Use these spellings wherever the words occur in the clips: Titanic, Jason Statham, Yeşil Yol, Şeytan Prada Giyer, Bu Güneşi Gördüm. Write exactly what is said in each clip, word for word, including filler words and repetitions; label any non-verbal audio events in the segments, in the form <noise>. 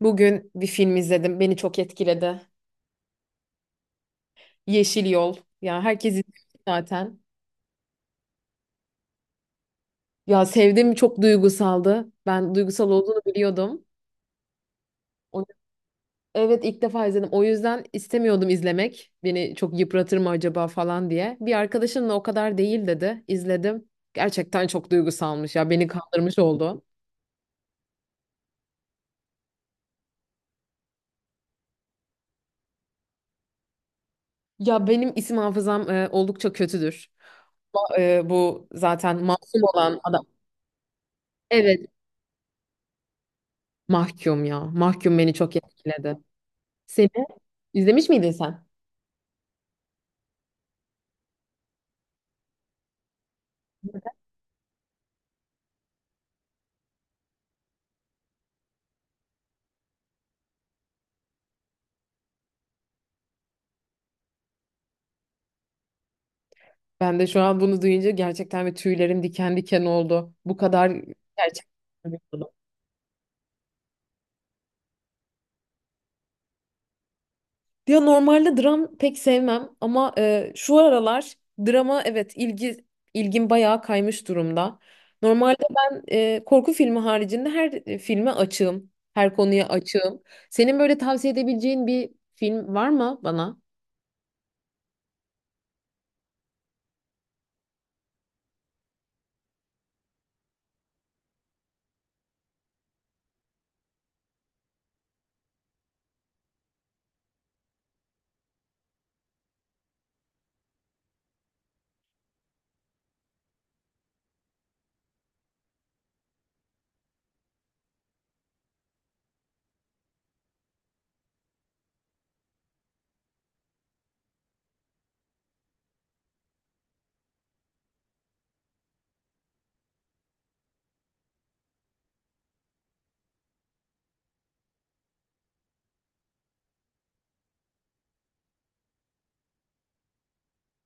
Bugün bir film izledim. Beni çok etkiledi. Yeşil Yol. Ya herkes izlemiş zaten. Ya sevdim, çok duygusaldı. Ben duygusal olduğunu biliyordum. O- Evet, ilk defa izledim. O yüzden istemiyordum izlemek. Beni çok yıpratır mı acaba falan diye. Bir arkadaşımla o kadar değil dedi. İzledim. Gerçekten çok duygusalmış ya. Beni kandırmış oldu. Ya benim isim hafızam e, oldukça kötüdür. Ama, e, bu zaten masum olan adam. Evet, mahkum ya. Mahkum beni çok etkiledi. Seni? İzlemiş miydin sen? Ben de şu an bunu duyunca gerçekten bir tüylerim diken diken oldu. Bu kadar gerçek. Ya normalde dram pek sevmem ama e, şu aralar drama, evet, ilgi ilgim bayağı kaymış durumda. Normalde ben e, korku filmi haricinde her e, filme açığım, her konuya açığım. Senin böyle tavsiye edebileceğin bir film var mı bana?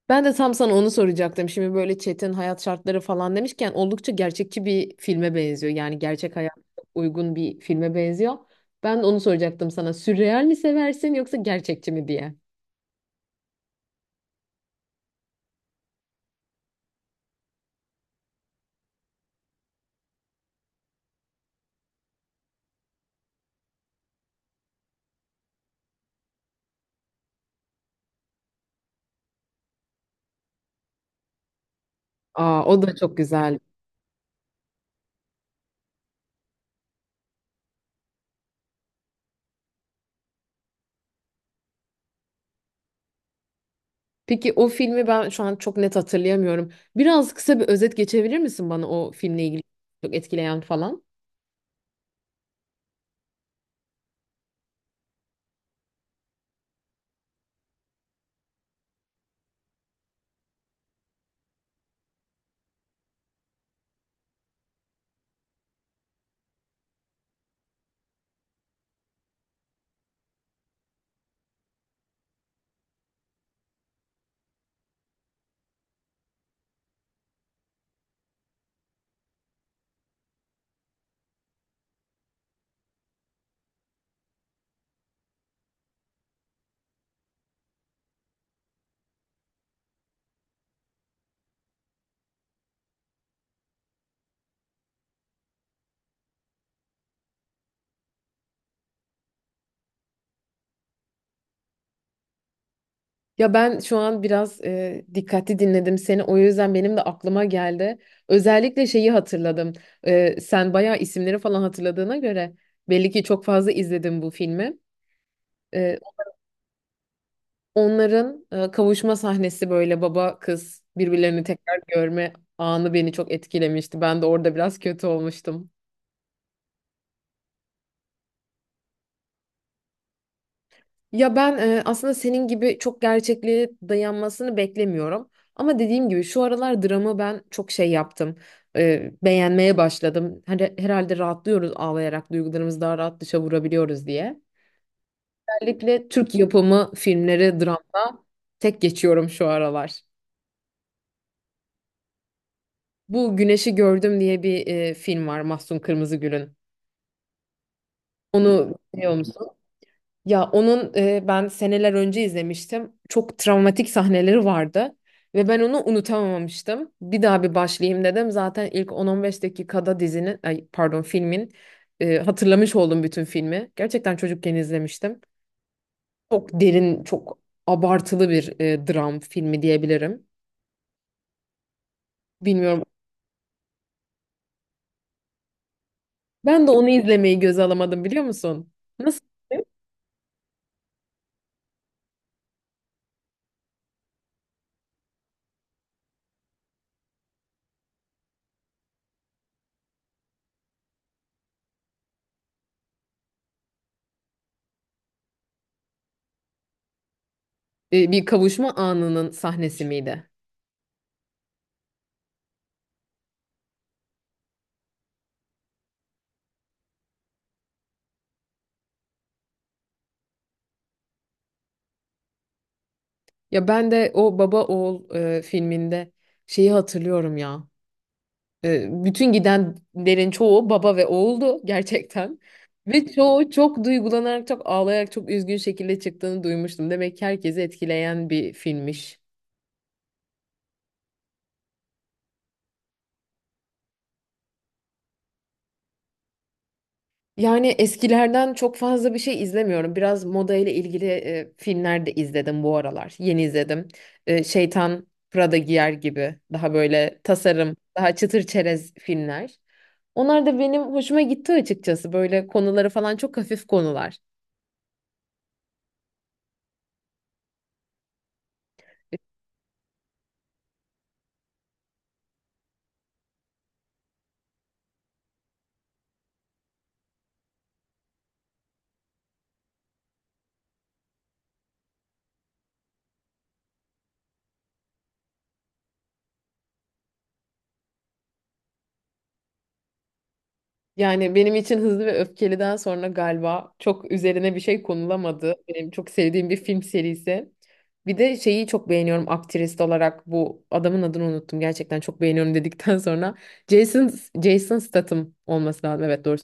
Ben de tam sana onu soracaktım. Şimdi böyle çetin hayat şartları falan demişken oldukça gerçekçi bir filme benziyor. Yani gerçek hayata çok uygun bir filme benziyor. Ben de onu soracaktım sana. Sürreal mi seversin yoksa gerçekçi mi diye. Aa, o da çok güzel. Peki o filmi ben şu an çok net hatırlayamıyorum. Biraz kısa bir özet geçebilir misin bana o filmle ilgili çok etkileyen falan? Ya ben şu an biraz e, dikkatli dinledim seni. O yüzden benim de aklıma geldi. Özellikle şeyi hatırladım. E, sen bayağı isimleri falan hatırladığına göre belli ki çok fazla izledin bu filmi. E, onların e, kavuşma sahnesi, böyle baba kız birbirlerini tekrar görme anı beni çok etkilemişti. Ben de orada biraz kötü olmuştum. Ya ben e, aslında senin gibi çok gerçekliğe dayanmasını beklemiyorum. Ama dediğim gibi şu aralar drama ben çok şey yaptım. E, beğenmeye başladım. Hani herhalde rahatlıyoruz, ağlayarak duygularımızı daha rahat dışa vurabiliyoruz diye. Özellikle Türk yapımı filmleri dramda tek geçiyorum şu aralar. Bu Güneşi Gördüm diye bir e, film var, Mahsun Kırmızıgül'ün. Onu biliyor musun? Ya onun, e, ben seneler önce izlemiştim. Çok travmatik sahneleri vardı ve ben onu unutamamıştım. Bir daha bir başlayayım dedim. Zaten ilk on on beş dakikada dizinin, ay pardon filmin e, hatırlamış oldum bütün filmi. Gerçekten çocukken izlemiştim. Çok derin, çok abartılı bir e, dram filmi diyebilirim. Bilmiyorum. Ben de onu izlemeyi göze alamadım, biliyor musun? Nasıl? E, bir kavuşma anının sahnesi miydi? Ya ben de o Baba Oğul e, filminde şeyi hatırlıyorum ya. E, bütün gidenlerin çoğu baba ve oğuldu gerçekten. Ve çoğu çok duygulanarak, çok ağlayarak, çok üzgün şekilde çıktığını duymuştum. Demek ki herkesi etkileyen bir filmmiş. Yani eskilerden çok fazla bir şey izlemiyorum. Biraz moda ile ilgili e, filmler de izledim bu aralar. Yeni izledim. E, Şeytan Prada Giyer gibi daha böyle tasarım, daha çıtır çerez filmler. Onlar da benim hoşuma gitti açıkçası. Böyle konuları falan çok hafif konular. Yani benim için Hızlı ve Öfkeli'den sonra galiba çok üzerine bir şey konulamadı. Benim çok sevdiğim bir film serisi. Bir de şeyi çok beğeniyorum, aktrist olarak. Bu adamın adını unuttum. Gerçekten çok beğeniyorum dedikten <laughs> sonra Jason Jason Statham olması lazım. Evet, doğru.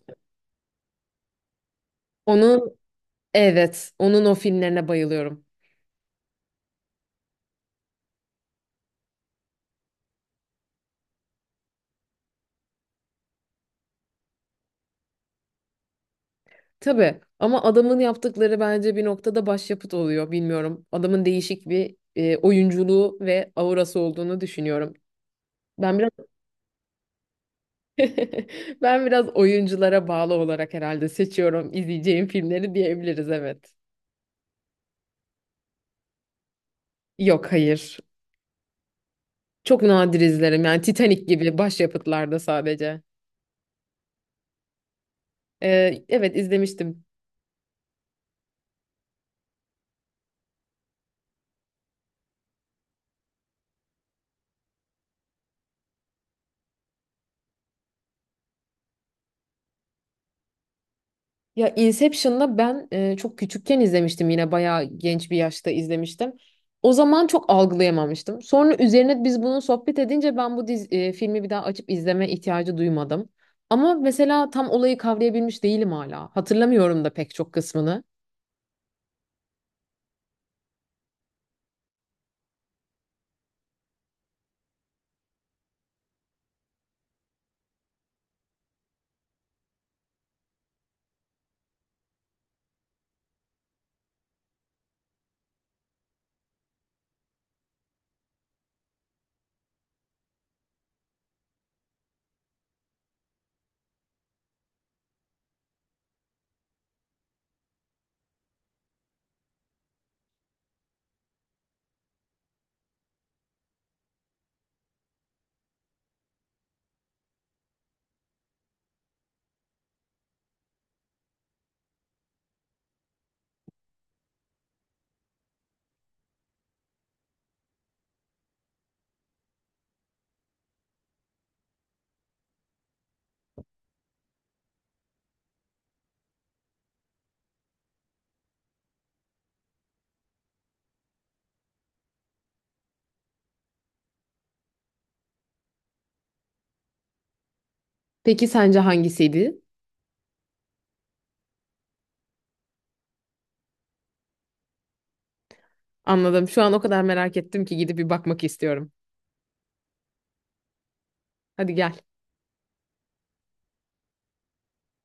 Onun, evet, onun o filmlerine bayılıyorum. Tabii ama adamın yaptıkları bence bir noktada başyapıt oluyor, bilmiyorum. Adamın değişik bir e, oyunculuğu ve aurası olduğunu düşünüyorum. Ben biraz <laughs> ben biraz oyunculara bağlı olarak herhalde seçiyorum izleyeceğim filmleri diyebiliriz, evet. Yok, hayır. Çok nadir izlerim, yani Titanic gibi başyapıtlarda sadece. Ee, evet, izlemiştim. Ya Inception'da ben e, çok küçükken izlemiştim, yine bayağı genç bir yaşta izlemiştim. O zaman çok algılayamamıştım. Sonra üzerine biz bunu sohbet edince ben bu diz, e, filmi bir daha açıp izleme ihtiyacı duymadım. Ama mesela tam olayı kavrayabilmiş değilim hala. Hatırlamıyorum da pek çok kısmını. Peki sence hangisiydi? Anladım. Şu an o kadar merak ettim ki gidip bir bakmak istiyorum. Hadi gel.